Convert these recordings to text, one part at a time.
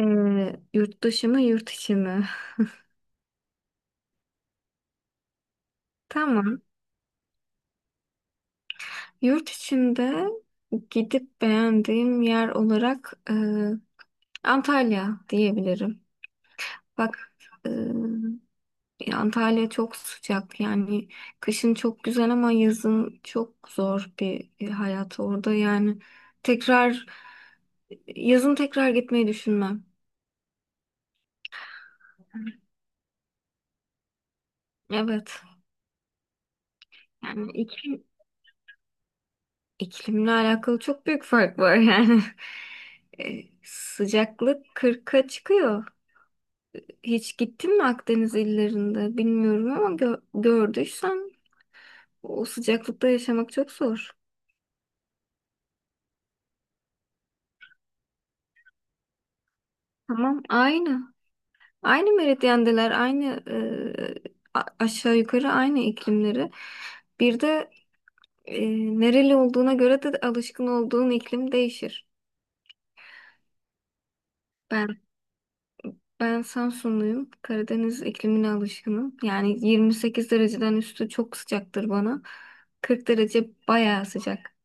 Yurt dışı mı yurt içi mi? Tamam. Yurt içinde gidip beğendiğim yer olarak Antalya diyebilirim. Bak e, Antalya çok sıcak yani kışın çok güzel ama yazın çok zor bir hayat orada yani tekrar yazın tekrar gitmeyi düşünmem. Evet. Yani iki İklimle alakalı çok büyük fark var yani. Sıcaklık 40'a çıkıyor. Hiç gittin mi Akdeniz illerinde bilmiyorum ama gördüysen o sıcaklıkta yaşamak çok zor. Tamam, aynı. Aynı meridyendeler, aynı aşağı yukarı aynı iklimleri. Bir de e, nereli olduğuna göre de alışkın olduğun iklim değişir. Ben. Ben Samsunluyum. Karadeniz iklimine alışkınım. Yani 28 dereceden üstü çok sıcaktır bana. 40 derece bayağı sıcak.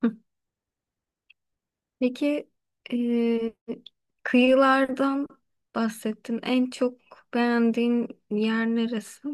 Hı. Peki eee, kıyılardan bahsettin. En çok beğendiğin yer neresi?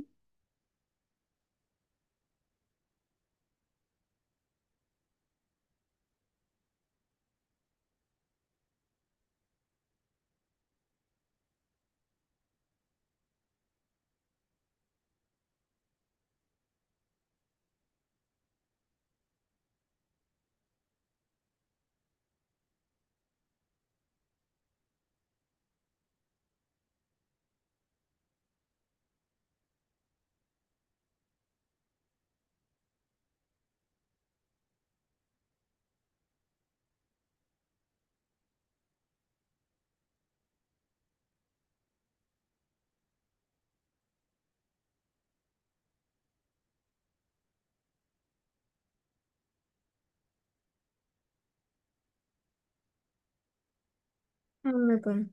Anladım.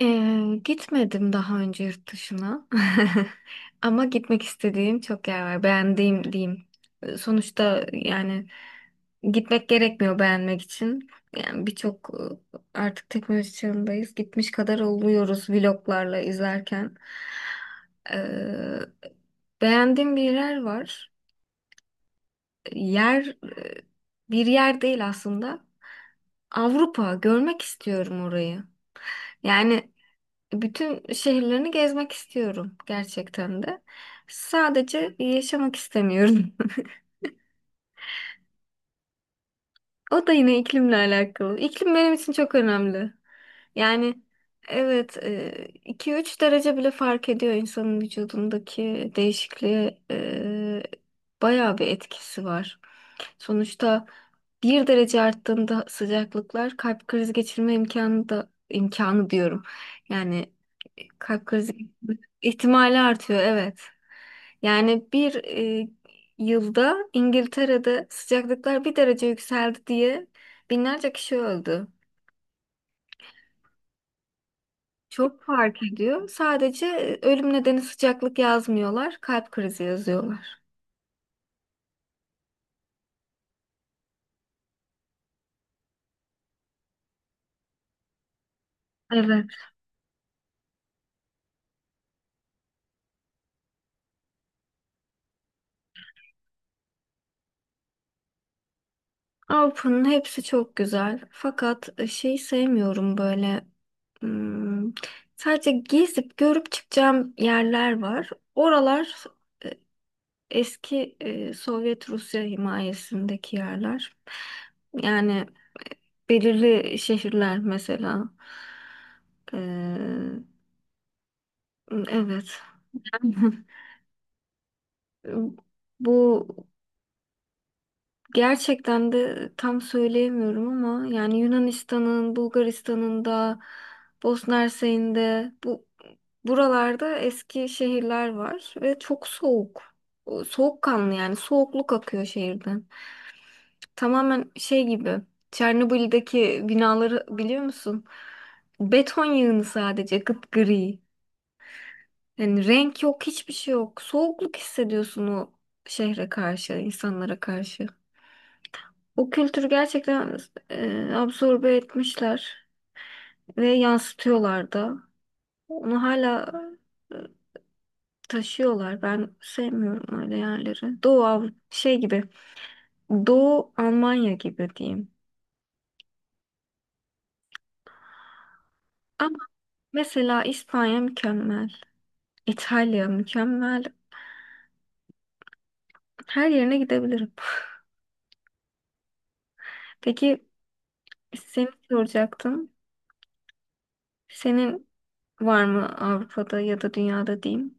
Gitmedim daha önce yurt dışına. Ama gitmek istediğim çok yer var. Beğendiğim diyeyim. Sonuçta yani gitmek gerekmiyor beğenmek için. Yani birçok artık teknoloji çağındayız. Gitmiş kadar oluyoruz vloglarla izlerken. Ee, Beğendiğim bir yer var. Yer e, Bir yer değil aslında. Avrupa görmek istiyorum orayı. Yani bütün şehirlerini gezmek istiyorum gerçekten de. Sadece yaşamak istemiyorum. O da yine iklimle alakalı. İklim benim için çok önemli. Yani evet, iki üç derece bile fark ediyor insanın vücudundaki değişikliğe, bayağı bir etkisi var. Sonuçta bir derece arttığında sıcaklıklar kalp krizi geçirme imkanı, da imkanı diyorum. Yani kalp krizi ihtimali artıyor, evet. Yani bir, e, yılda İngiltere'de sıcaklıklar bir derece yükseldi diye binlerce kişi öldü. Çok fark ediyor. Sadece ölüm nedeni sıcaklık yazmıyorlar, kalp krizi yazıyorlar. Evet. Avrupa'nın hepsi çok güzel. Fakat şeyi sevmiyorum böyle. Hmm, sadece gezip görüp çıkacağım yerler var. Oralar, e, eski, Sovyet Rusya himayesindeki yerler. Yani belirli şehirler mesela. Ee, evet. Bu Gerçekten de tam söyleyemiyorum ama yani Yunanistan'ın, Bulgaristan'ın da, Bosna Hersek'in de buralarda eski şehirler var ve çok soğuk. O, soğukkanlı yani soğukluk akıyor şehirden. Tamamen şey gibi, Çernobil'deki binaları biliyor musun? Beton yığını sadece, gri. Yani renk yok, hiçbir şey yok. Soğukluk hissediyorsun o şehre karşı, insanlara karşı. O kültürü gerçekten absorbe etmişler ve yansıtıyorlar da. Onu hala e, taşıyorlar. Ben sevmiyorum öyle yerleri. Doğu Almanya gibi diyeyim. Ama mesela İspanya mükemmel, İtalya mükemmel. Her yerine gidebilirim. Peki seni soracaktım. Senin var mı Avrupa'da ya da dünyada diyeyim?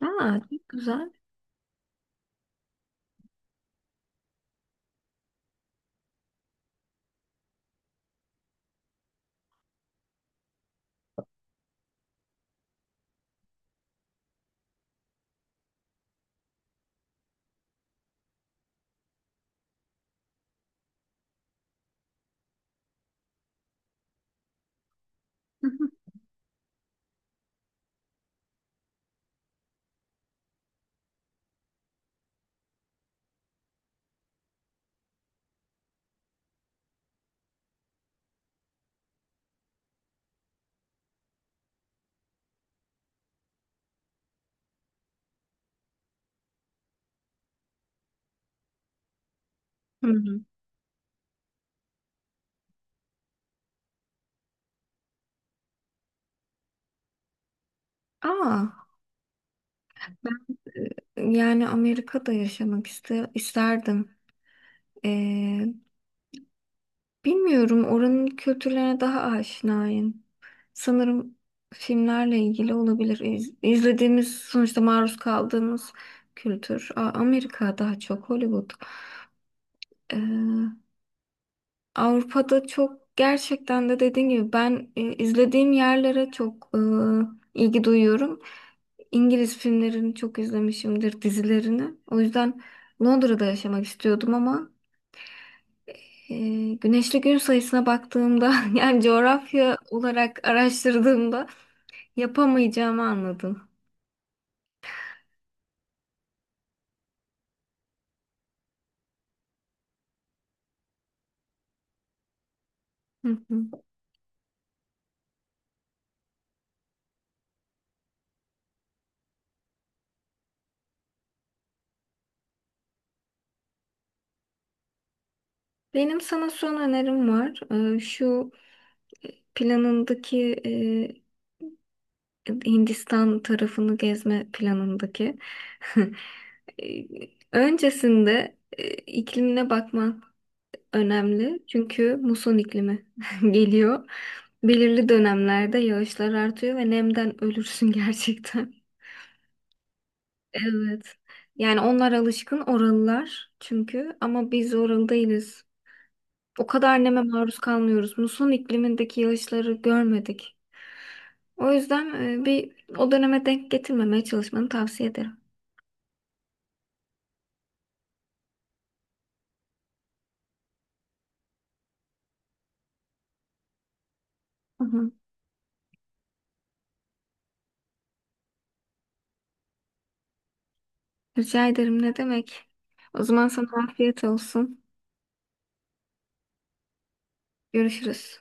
Aa, çok güzel. Hı hı. Aa. E, Yani Amerika'da yaşamak iste isterdim. Ee, Bilmiyorum, oranın kültürlerine daha aşinayım. Sanırım filmlerle ilgili olabilir. İzlediğimiz sonuçta maruz kaldığımız kültür. Amerika daha çok Hollywood. Ee, Avrupa'da çok gerçekten de dediğin gibi ben, izlediğim yerlere çok ilgi duyuyorum. İngiliz filmlerini çok izlemişimdir, dizilerini. O yüzden Londra'da yaşamak istiyordum ama, e, güneşli gün sayısına baktığımda yani coğrafya olarak araştırdığımda yapamayacağımı anladım. Hı hı. Benim sana son önerim var. Şu planındaki, Hindistan tarafını gezme planındaki. E, Öncesinde iklimine bakman önemli çünkü muson iklimi geliyor. Belirli dönemlerde yağışlar artıyor ve nemden ölürsün gerçekten. Evet. Yani onlar alışkın, oralılar çünkü, ama biz oralı değiliz. O kadar neme maruz kalmıyoruz. Muson iklimindeki yağışları görmedik. O yüzden bir o döneme denk getirmemeye çalışmanı tavsiye ederim. Hı hı. Rica ederim, ne demek. O zaman sana afiyet olsun. Görüşürüz.